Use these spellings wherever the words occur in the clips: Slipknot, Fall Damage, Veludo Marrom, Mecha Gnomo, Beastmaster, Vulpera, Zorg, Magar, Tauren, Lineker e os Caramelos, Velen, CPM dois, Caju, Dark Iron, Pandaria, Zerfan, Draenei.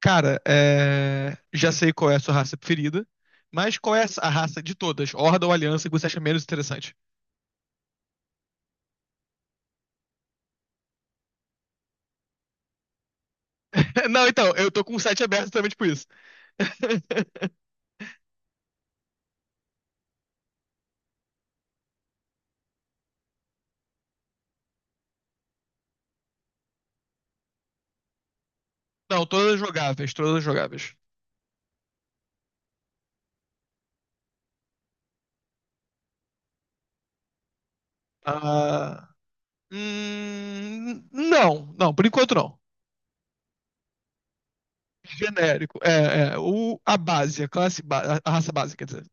Cara, já sei qual é a sua raça preferida, mas qual é a raça de todas, Horda ou Aliança, que você acha menos interessante? Não, então, eu tô com o site aberto também, por isso. Não, todas jogáveis, todas jogáveis. Ah, não, por enquanto não. Genérico, o, a base, a classe, a raça base, quer dizer.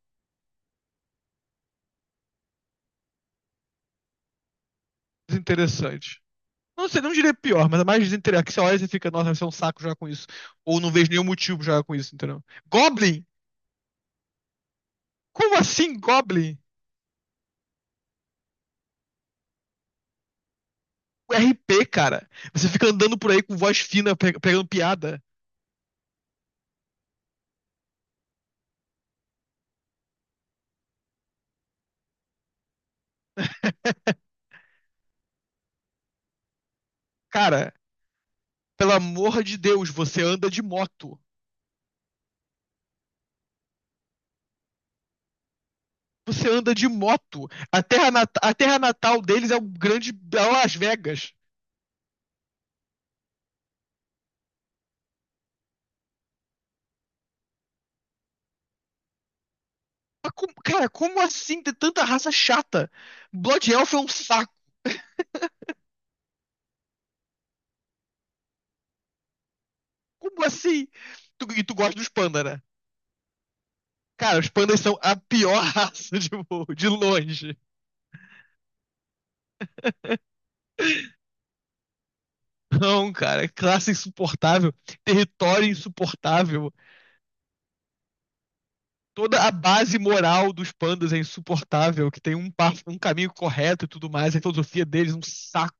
Desinteressante. Não sei, não diria pior, mas é mais desinteressante. Que você olha e você fica, nossa, vai ser um saco jogar com isso. Ou não vejo nenhum motivo pra jogar com isso, entendeu? Goblin! Como assim, Goblin? O RP, cara. Você fica andando por aí com voz fina, pegando piada. Cara, pelo amor de Deus, você anda de moto. Você anda de moto. A terra, a terra natal deles é o grande é Las Vegas. Mas cara, como assim ter tanta raça chata? Blood Elf é um saco. Como assim? E tu gosta dos pandas, né? Cara, os pandas são a pior raça de longe. Não, cara, é classe insuportável, território insuportável. Toda a base moral dos pandas é insuportável, que tem um, um caminho correto e tudo mais, a filosofia deles é um saco.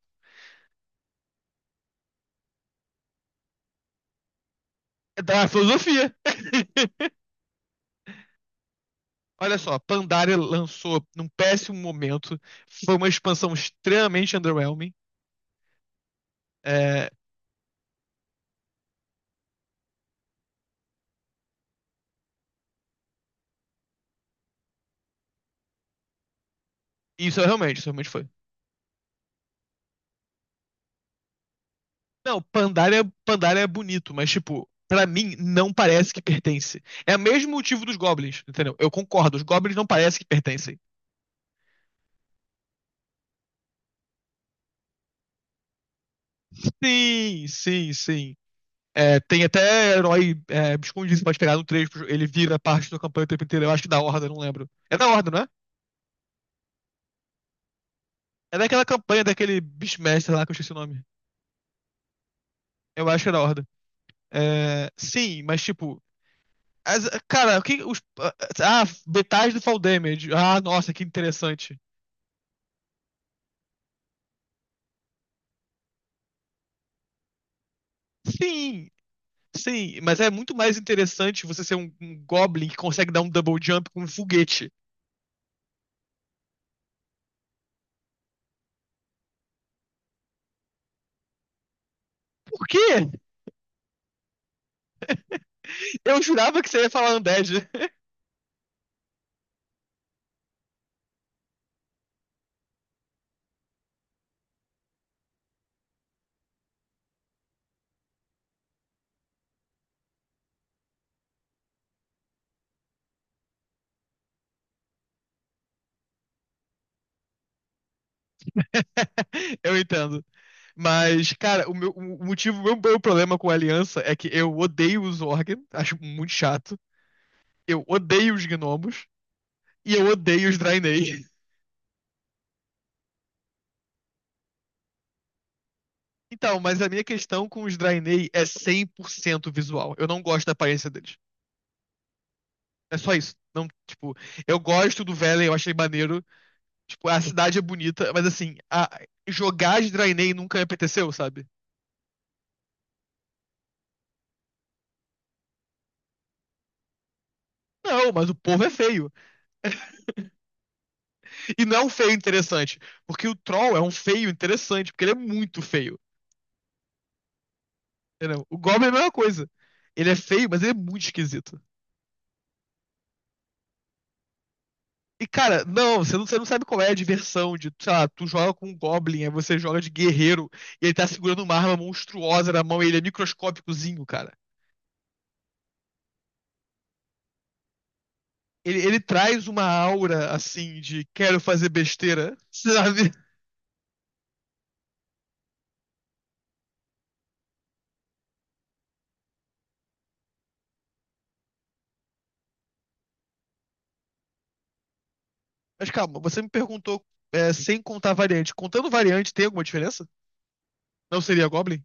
É da filosofia. Olha só, Pandaria lançou num péssimo momento, foi uma expansão extremamente underwhelming. É, isso é realmente, isso realmente foi. Não, Pandaria é bonito, mas tipo, pra mim não parece que pertence. É o mesmo motivo dos goblins, entendeu? Eu concordo, os goblins não parece que pertencem. Sim, sim, sim. É, tem até herói escondido, você pode pegar no 3, ele vira parte da campanha o tempo inteiro. Eu acho que da Horda, não lembro. É da Horda, não é? É daquela campanha daquele Beastmaster lá que eu esqueci o nome. Eu acho que é da Horda. É, sim, mas tipo. Cara, o que. Os detalhes do Fall Damage. Ah, nossa, que interessante. Sim, sim, mas é muito mais interessante você ser um Goblin que consegue dar um double jump com um foguete. Por quê? Eu jurava que você ia falar Undead. Eu entendo. Mas, cara, o meu o motivo, o meu, meu problema com a Aliança é que eu odeio os Zorg, acho muito chato. Eu odeio os gnomos e eu odeio os Draenei. Então, mas a minha questão com os Draenei é 100% visual. Eu não gosto da aparência deles. É só isso. Não, tipo, eu gosto do Velen, eu achei maneiro. Tipo, a cidade é bonita, mas assim, jogar de Draenei nunca me apeteceu, sabe? Não, mas o povo é feio. E não é um feio interessante. Porque o Troll é um feio interessante, porque ele é muito feio. Entendeu? O Goblin é a mesma coisa. Ele é feio, mas ele é muito esquisito. E, cara, não, você não sabe qual é a diversão de, sei lá, tu joga com um Goblin, aí você joga de guerreiro, e ele tá segurando uma arma monstruosa na mão, e ele é microscópicozinho, cara. Ele traz uma aura, assim, de quero fazer besteira, sabe? Mas calma, você me perguntou, é, sem contar variante. Contando variante, tem alguma diferença? Não seria Goblin?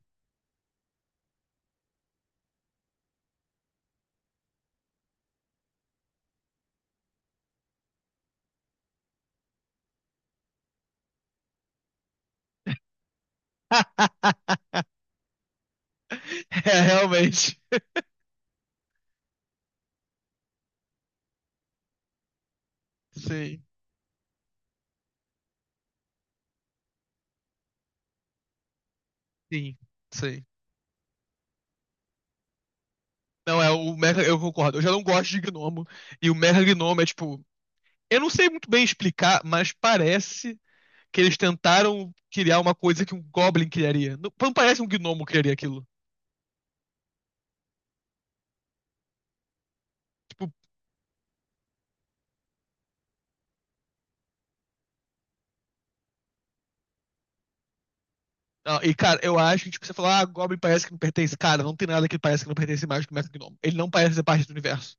É, realmente. Sim, sim, sim. Não, é o Mecha, eu concordo. Eu já não gosto de Gnomo. E o Mecha Gnomo é tipo. Eu não sei muito bem explicar, mas parece que eles tentaram criar uma coisa que um Goblin criaria. Não, não parece que um Gnomo criaria aquilo. Tipo, e cara, eu acho que tipo, você falar, ah, Goblin parece que não pertence. Cara, não tem nada que parece que não pertence mais que o Mecha Gnomo. Ele não parece ser parte do universo.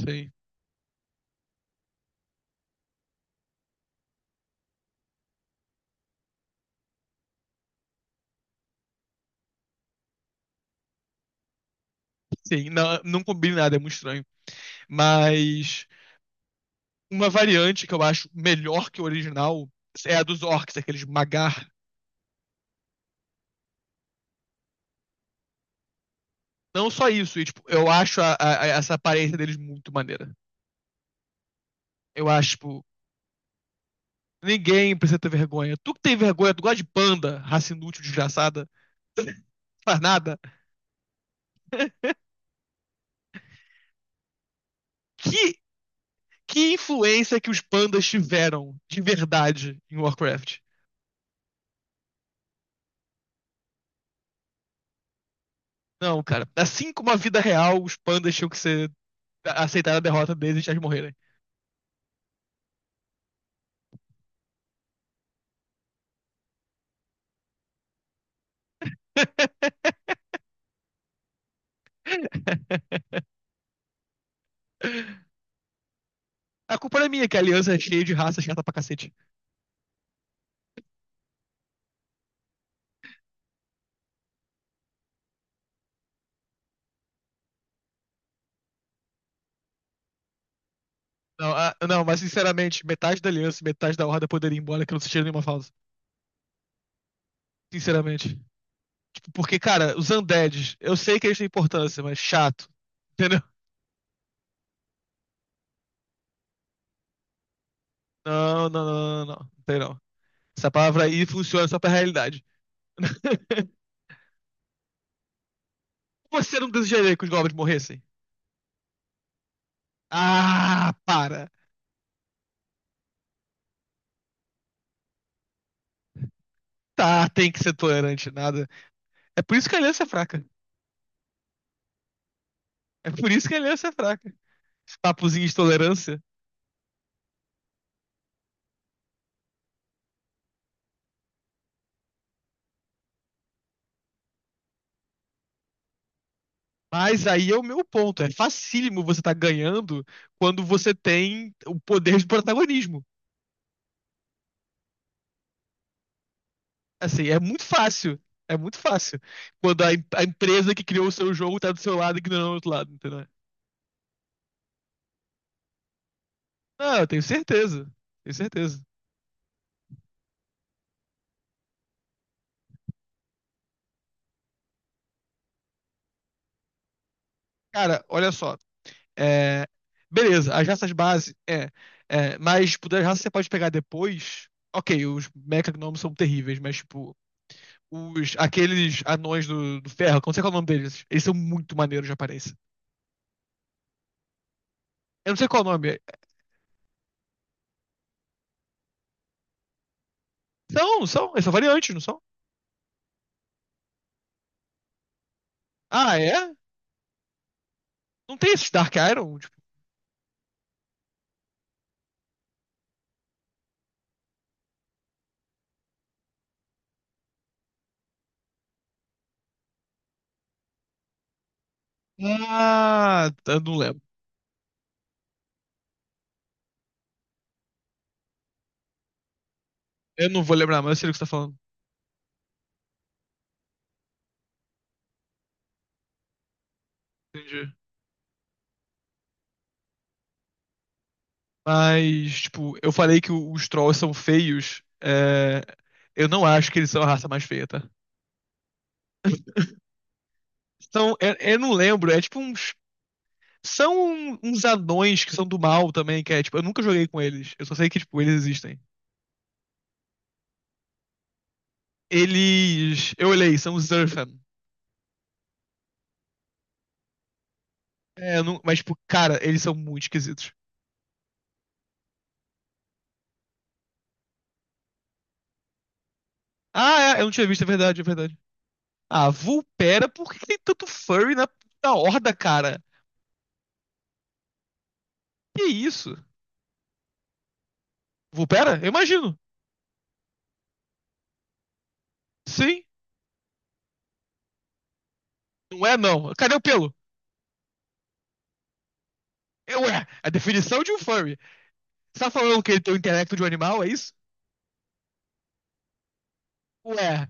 Sim, sim, não, não combina nada, é muito estranho. Mas uma variante que eu acho melhor que o original é a dos orcs, aqueles Magar. Não só isso, e, tipo, eu acho essa aparência deles muito maneira. Eu acho, tipo, ninguém precisa ter vergonha. Tu que tem vergonha, tu gosta de panda, raça inútil, desgraçada, não faz nada. Que, que influência que os pandas tiveram de verdade em Warcraft? Não, cara. Assim como a vida real, os pandas tinham que ser aceitar a derrota deles e deixar eles morrerem. A culpa não é minha, que a aliança é cheia de raça chata pra cacete. Não, não, mas sinceramente, metade da aliança e metade da horda poderia ir embora que eu não sentiria nenhuma falta. Sinceramente. Porque, cara, os undeads, eu sei que eles têm importância, mas chato. Entendeu? Não. Não tem não. Essa palavra aí funciona só pra realidade. Você não desejaria que os goblins morressem? Ah, para. Tá, tem que ser tolerante, nada. É por isso que a aliança é fraca. É por isso que a aliança é fraca. Papozinho de tolerância. Mas aí é o meu ponto. É facílimo você estar ganhando quando você tem o poder de protagonismo. Assim, é muito fácil. É muito fácil. Quando a empresa que criou o seu jogo tá do seu lado e ignorando o outro lado, entendeu? Não, eu tenho certeza. Tenho certeza. Cara, olha só. É, Beleza, as raças base, Mas tipo, das raças que você pode pegar depois. Ok, os mecagnomos são terríveis, mas tipo, os, aqueles anões do ferro, como sei qual é o nome deles? Eles são muito maneiros de aparência. Eu não sei qual o nome. Eles são variantes, não são? Ah, é? Não tem esses Dark Iron? Tipo, ah, eu não lembro. Eu não vou lembrar, mas eu sei do que você tá falando. Entendi. Mas, tipo, eu falei que os trolls são feios. Eu não acho que eles são a raça mais feia, tá? São, eu não lembro, é tipo uns. São uns anões que são do mal também, que é tipo, eu nunca joguei com eles. Eu só sei que, tipo, eles existem. Eles. Eu olhei, são os Zerfan. É, eu não- mas, tipo, cara, eles são muito esquisitos. Ah, é, eu não tinha visto, é verdade, é verdade. Ah, Vulpera, por que que tem tanto furry na horda, cara? Que isso? Vulpera? Eu imagino. Sim, não é não. Cadê o pelo? Eu É, a definição de um furry. Você tá falando que ele tem o intelecto de um animal, é isso? Ué.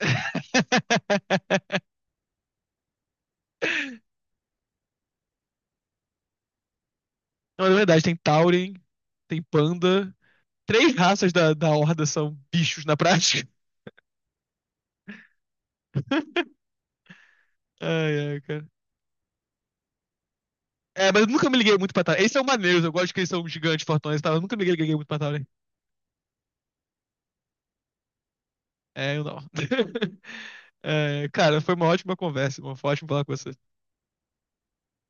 Não, é verdade, tem Tauren, tem Panda. Três raças da horda são bichos na prática. Ai, ai, cara. É, mas eu nunca me liguei muito pra Tauren. Eles são maneiros, eu gosto que eles são gigantes, fortões e tal. Eu nunca me liguei liguei muito pra Tauren. É, eu não. É, cara, foi uma ótima conversa, irmão. Foi ótimo falar com você.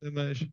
Até mais.